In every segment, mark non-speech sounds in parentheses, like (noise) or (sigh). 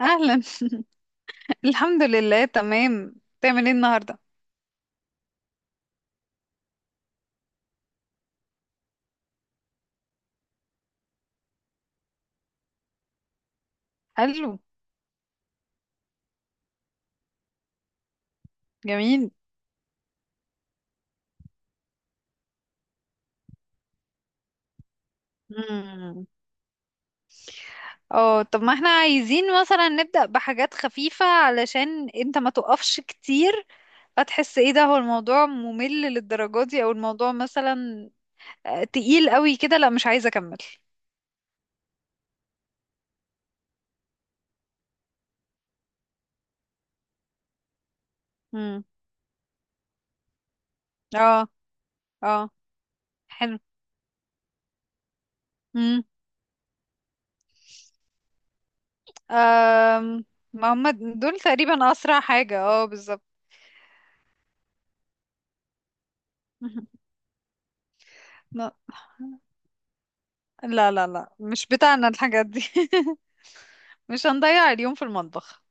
اهلا. (laughs) الحمد لله، تمام. تعمل ايه النهارده؟ حلو. جميل. مم. اه طب ما احنا عايزين مثلا نبدأ بحاجات خفيفة علشان انت ما تقفش كتير، فتحس ايه، ده هو الموضوع ممل للدرجة دي، او الموضوع مثلا تقيل قوي كده. لا، مش عايزة اكمل. مم. اه، اه. حلو. مم. آم، ما هم دول تقريبا اسرع حاجة، بالظبط. (laughs) لا، لا، لا، مش بتاعنا الحاجات دي. (laughs) مش هنضيع اليوم في المطبخ.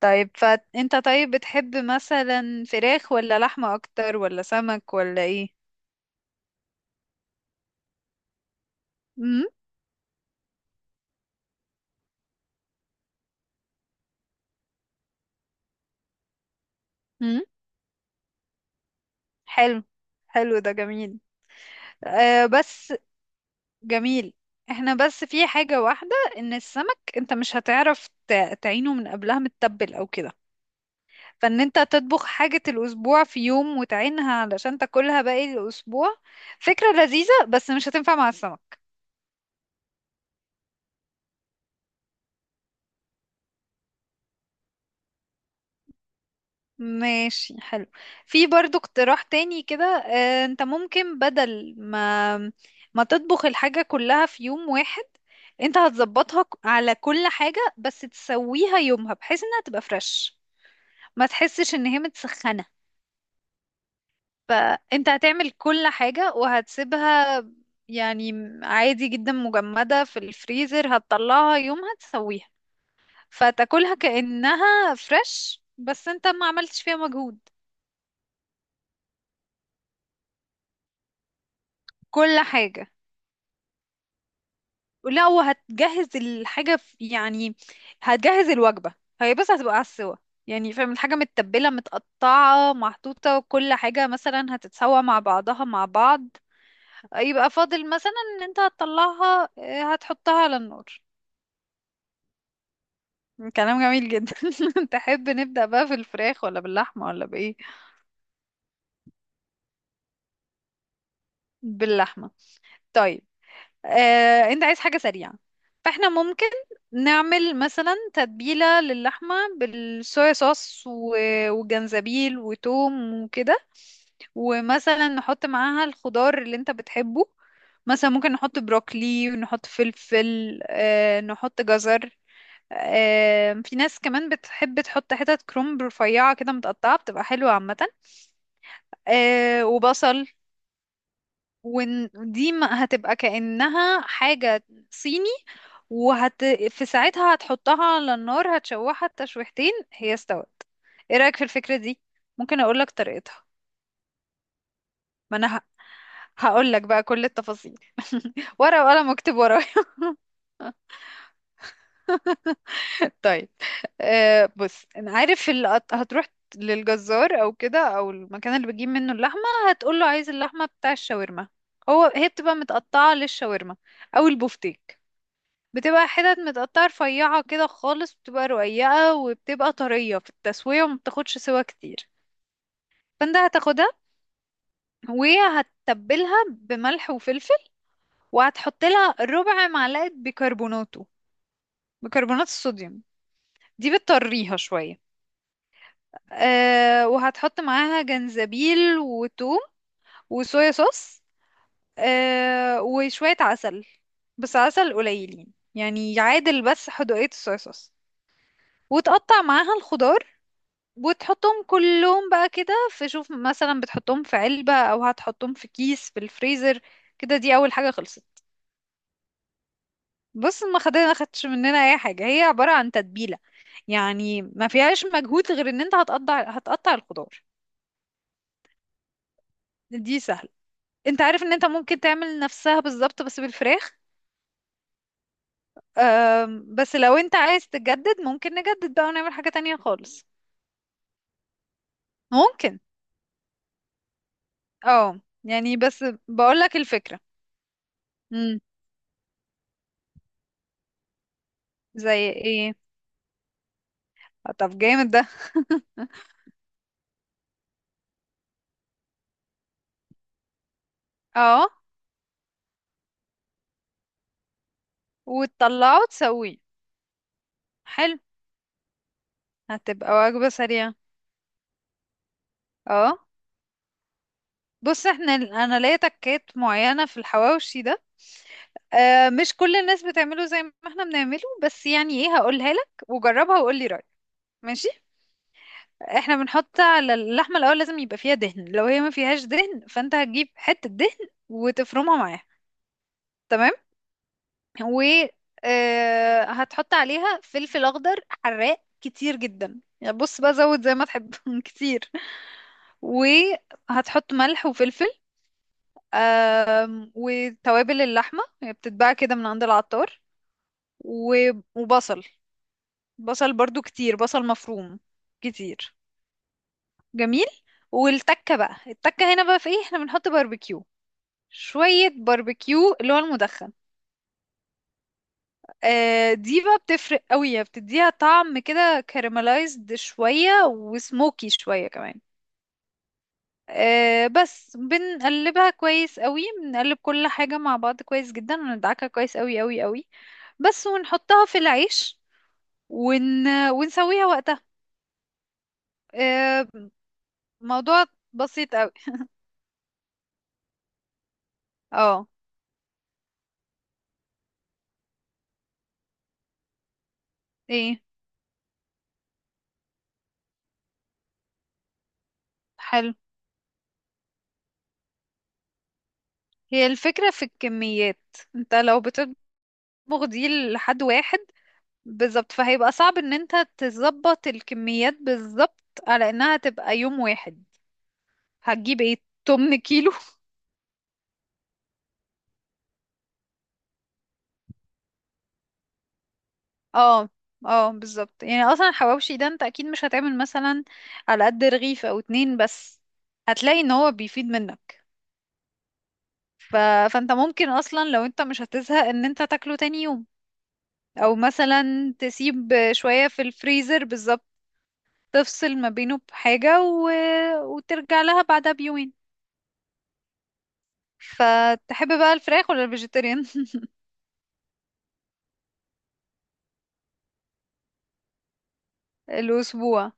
طيب، فانت طيب بتحب مثلا فراخ ولا لحمة اكتر ولا سمك ولا ايه؟ امم امم حلو. حلو، ده جميل. بس جميل. احنا بس في حاجة واحدة، ان السمك انت مش هتعرف تعينه من قبلها متبل او كده، فان انت تطبخ حاجة الاسبوع في يوم وتعينها علشان تاكلها باقي الاسبوع. فكرة لذيذة بس مش هتنفع مع السمك. ماشي، حلو. في برضو اقتراح تاني كده. انت ممكن بدل ما تطبخ الحاجة كلها في يوم واحد، انت هتظبطها على كل حاجة، بس تسويها يومها بحيث انها تبقى فريش، ما تحسش ان هي متسخنة. فانت هتعمل كل حاجة وهتسيبها يعني عادي جدا، مجمدة في الفريزر، هتطلعها يومها تسويها، فتاكلها كأنها فريش بس انت ما عملتش فيها مجهود. كل حاجة. لا، وهتجهز الحاجة في يعني هتجهز الوجبة. هي بس هتبقى على السوا. يعني فاهم، الحاجة متبلة متقطعة محطوطة، كل حاجة مثلا هتتسوى مع بعضها مع بعض. يبقى فاضل مثلا ان انت هتطلعها هتحطها على النار. كلام جميل جدا. (laughs) تحب نبدأ بقى في الفراخ ولا باللحمة ولا بإيه؟ باللحمة. طيب. انت عايز حاجة سريعة، فاحنا ممكن نعمل مثلا تتبيلة للحمة بالصويا صوص وجنزبيل وتوم وكده، ومثلا نحط معاها الخضار اللي انت بتحبه. مثلا ممكن نحط بروكلي، ونحط فلفل، نحط جزر. في ناس كمان بتحب تحط حتت كرنب رفيعة كده متقطعة، بتبقى حلوة عامة. وبصل. ودي هتبقى كأنها حاجة صيني. وهت في ساعتها هتحطها على النار، هتشوحها التشويحتين هي استوت. ايه رأيك في الفكرة دي؟ ممكن اقولك طريقتها. ما انا هقول لك بقى كل التفاصيل. (laughs) ورقة وقلم اكتب ورايا. (laughs) طيب. بص، انا عارف هتروح للجزار او كده، او المكان اللي بتجيب منه اللحمه، هتقول له عايز اللحمه بتاع الشاورما. هي بتبقى متقطعه للشاورما او البفتيك، بتبقى حتت متقطعة رفيعة كده خالص، بتبقى رقيقة وبتبقى طرية في التسوية، وما بتاخدش سوا كتير. فانت هتاخدها وهتتبلها بملح وفلفل، وهتحط لها ربع معلقة بيكربونات الصوديوم. دي بتطريها شوية. وهتحط معاها جنزبيل وتوم وصويا صوص، وشوية عسل، بس عسل قليلين يعني يعادل بس حدوقية الصويا صوص. وتقطع معاها الخضار، وتحطهم كلهم بقى كده في، شوف مثلا بتحطهم في علبة او هتحطهم في كيس في الفريزر. كده دي اول حاجة خلصت. بص، ما خدتش مننا اي حاجة. هي عبارة عن تتبيلة، يعني ما فيهاش مجهود غير ان انت هتقطع الخضار. دي سهلة. انت عارف ان انت ممكن تعمل نفسها بالظبط بس بالفراخ. بس لو انت عايز تجدد، ممكن نجدد بقى ونعمل حاجة تانية خالص. ممكن، اه يعني بس بقولك الفكرة. امم زي ايه؟ طب، جامد ده. اه وتطلعه وتسويه. حلو، هتبقى وجبة سريعة. اه بص، انا ليا تكات معينة في الحواوشي ده. مش كل الناس بتعمله زي ما احنا بنعمله، بس يعني ايه، هقولها لك وجربها وقول لي رأيك. ماشي. احنا بنحط على اللحمة، الاول لازم يبقى فيها دهن، لو هي ما فيهاش دهن فانت هتجيب حتة دهن وتفرمها معاها. تمام. و هتحط عليها فلفل اخضر حراق كتير جدا، يعني بص بقى زود زي ما تحب، (laughs) كتير. وهتحط ملح وفلفل. وتوابل اللحمة هي بتتباع كده من عند العطار، وبصل. بصل برضو كتير، بصل مفروم. كتير. جميل. والتكة بقى، التكة هنا بقى في ايه، احنا بنحط باربيكيو، شوية باربيكيو اللي هو المدخن. دي بقى بتفرق قوي، يعني بتديها طعم كده كaramelized شوية وسموكي شوية كمان. بس بنقلبها كويس قوي، بنقلب كل حاجة مع بعض كويس جدا، وندعكها كويس قوي قوي قوي، بس، ونحطها في العيش، ونسويها وقتها. آه، موضوع بسيط قوي. اه، ايه، حلو. هي الفكرة في الكميات. انت لو بتطبخ دي لحد واحد، بالظبط، فهيبقى صعب ان انت تظبط الكميات بالظبط على انها تبقى يوم واحد. هتجيب ايه، 8 كيلو؟ (laughs) اه، اه، بالظبط. يعني اصلا الحواوشي ده انت اكيد مش هتعمل مثلا على قد رغيف او اتنين بس، هتلاقي ان هو بيفيد منك. ف... فانت ممكن اصلا لو انت مش هتزهق ان انت تاكله تاني يوم، او مثلا تسيب شوية في الفريزر بالظبط، تفصل ما بينه بحاجة وترجع لها بعدها بيومين. فتحب بقى الفراخ ولا الفيجيتيريان؟ الأسبوع.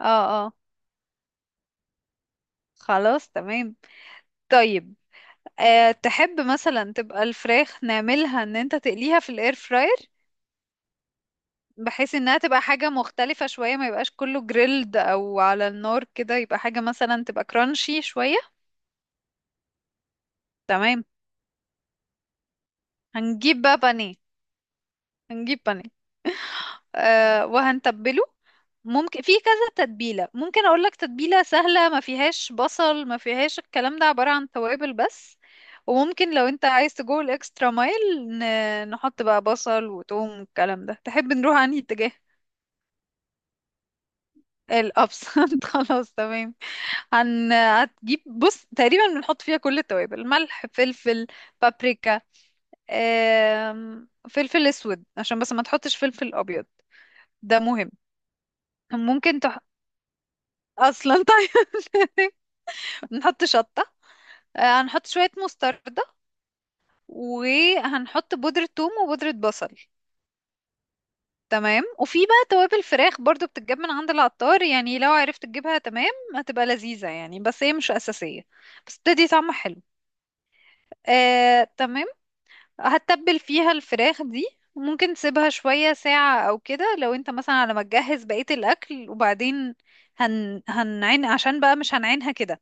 اه، اه، خلاص تمام. طيب. تحب مثلا تبقى الفراخ نعملها ان انت تقليها في الاير فراير، بحيث انها تبقى حاجة مختلفة شوية، ما يبقاش كله جريلد او على النار كده، يبقى حاجة مثلا تبقى كرانشي شوية. تمام. هنجيب بقى بانيه. هنجيب بانيه. وهنتبله. ممكن في كذا تتبيلة. ممكن اقول لك تتبيلة سهلة ما فيهاش بصل، ما فيهاش الكلام ده، عبارة عن توابل بس. وممكن لو انت عايز تجو الاكسترا مايل نحط بقى بصل وتوم والكلام ده. تحب نروح عن اتجاه؟ الابسنت. (laughs) خلاص، تمام. هتجيب بص، تقريبا بنحط فيها كل التوابل، ملح، فلفل، بابريكا. فلفل اسود، عشان بس ما تحطش فلفل ابيض. ده مهم. ممكن اصلا. طيب. (laughs) نحط شطة. هنحط شوية مستردة. وهنحط بودرة ثوم وبودرة بصل. تمام. وفي بقى توابل فراخ برضو بتتجاب من عند العطار، يعني لو عرفت تجيبها تمام. هتبقى لذيذة يعني بس هي مش أساسية، بس بتدي طعم حلو. آه، تمام. هتتبل فيها الفراخ دي. ممكن تسيبها شوية ساعة أو كده، لو انت مثلا على ما تجهز بقية الأكل. وبعدين هنعين، عشان بقى مش هنعينها كده.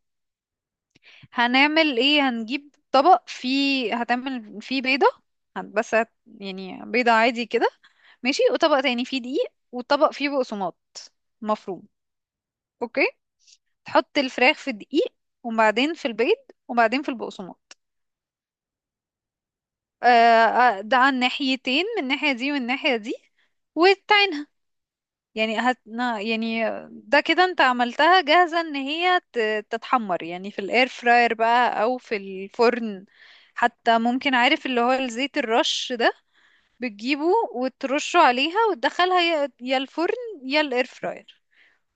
هنعمل ايه، هنجيب طبق فيه هتعمل فيه بيضة، بس يعني بيضة عادي كده. ماشي. وطبق تاني فيه دقيق، وطبق فيه بقسماط مفروم. اوكي. تحط الفراخ في الدقيق، وبعدين في البيض، وبعدين في البقسماط. ده على الناحيتين، من الناحية دي والناحية دي. وتعين. يعني هتنا يعني، ده كده انت عملتها جاهزة ان هي تتحمر يعني في الاير فراير بقى او في الفرن. حتى ممكن، عارف اللي هو الزيت الرش ده، بتجيبه وترشه عليها وتدخلها يا الفرن يا الاير فراير.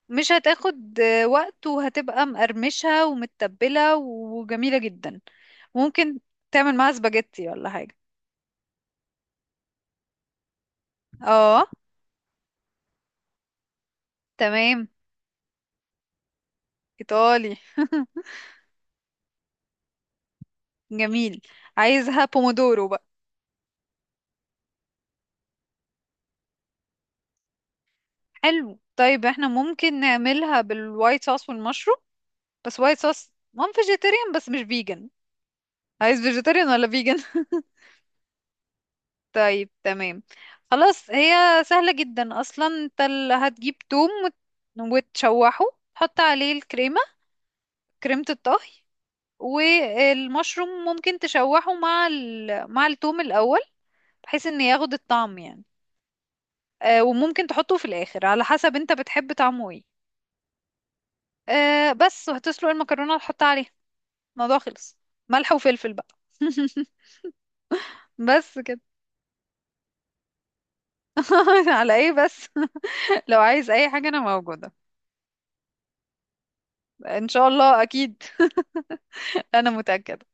مش هتاخد وقت، وهتبقى مقرمشة ومتبلة وجميلة جدا. ممكن تعمل معاها سباجيتي ولا حاجة؟ اه. تمام. ايطالي. (laughs) جميل. عايزها بومودورو؟ حلو، طيب احنا ممكن نعملها بالوايت صوص والمشروم، بس وايت صوص مام فيجيتيريان بس مش فيجن. عايز فيجيتيريان ولا فيجن؟ (laughs) طيب، تمام. خلاص، هي سهلة جدا اصلا. انت اللي هتجيب توم وتشوحه، تحط عليه الكريمة، كريمة الطهي. والمشروم ممكن تشوحه مع التوم الاول، بحيث ان ياخد الطعم يعني. وممكن تحطه في الاخر على حسب انت بتحب طعمه ايه. بس، وهتسلق المكرونة وتحطها عليها. الموضوع خلص. ملح وفلفل بقى. (laughs) بس كده. (laughs) على ايه بس. (laughs) لو عايز اي حاجة انا موجودة. ان شاء الله اكيد. انا متأكدة.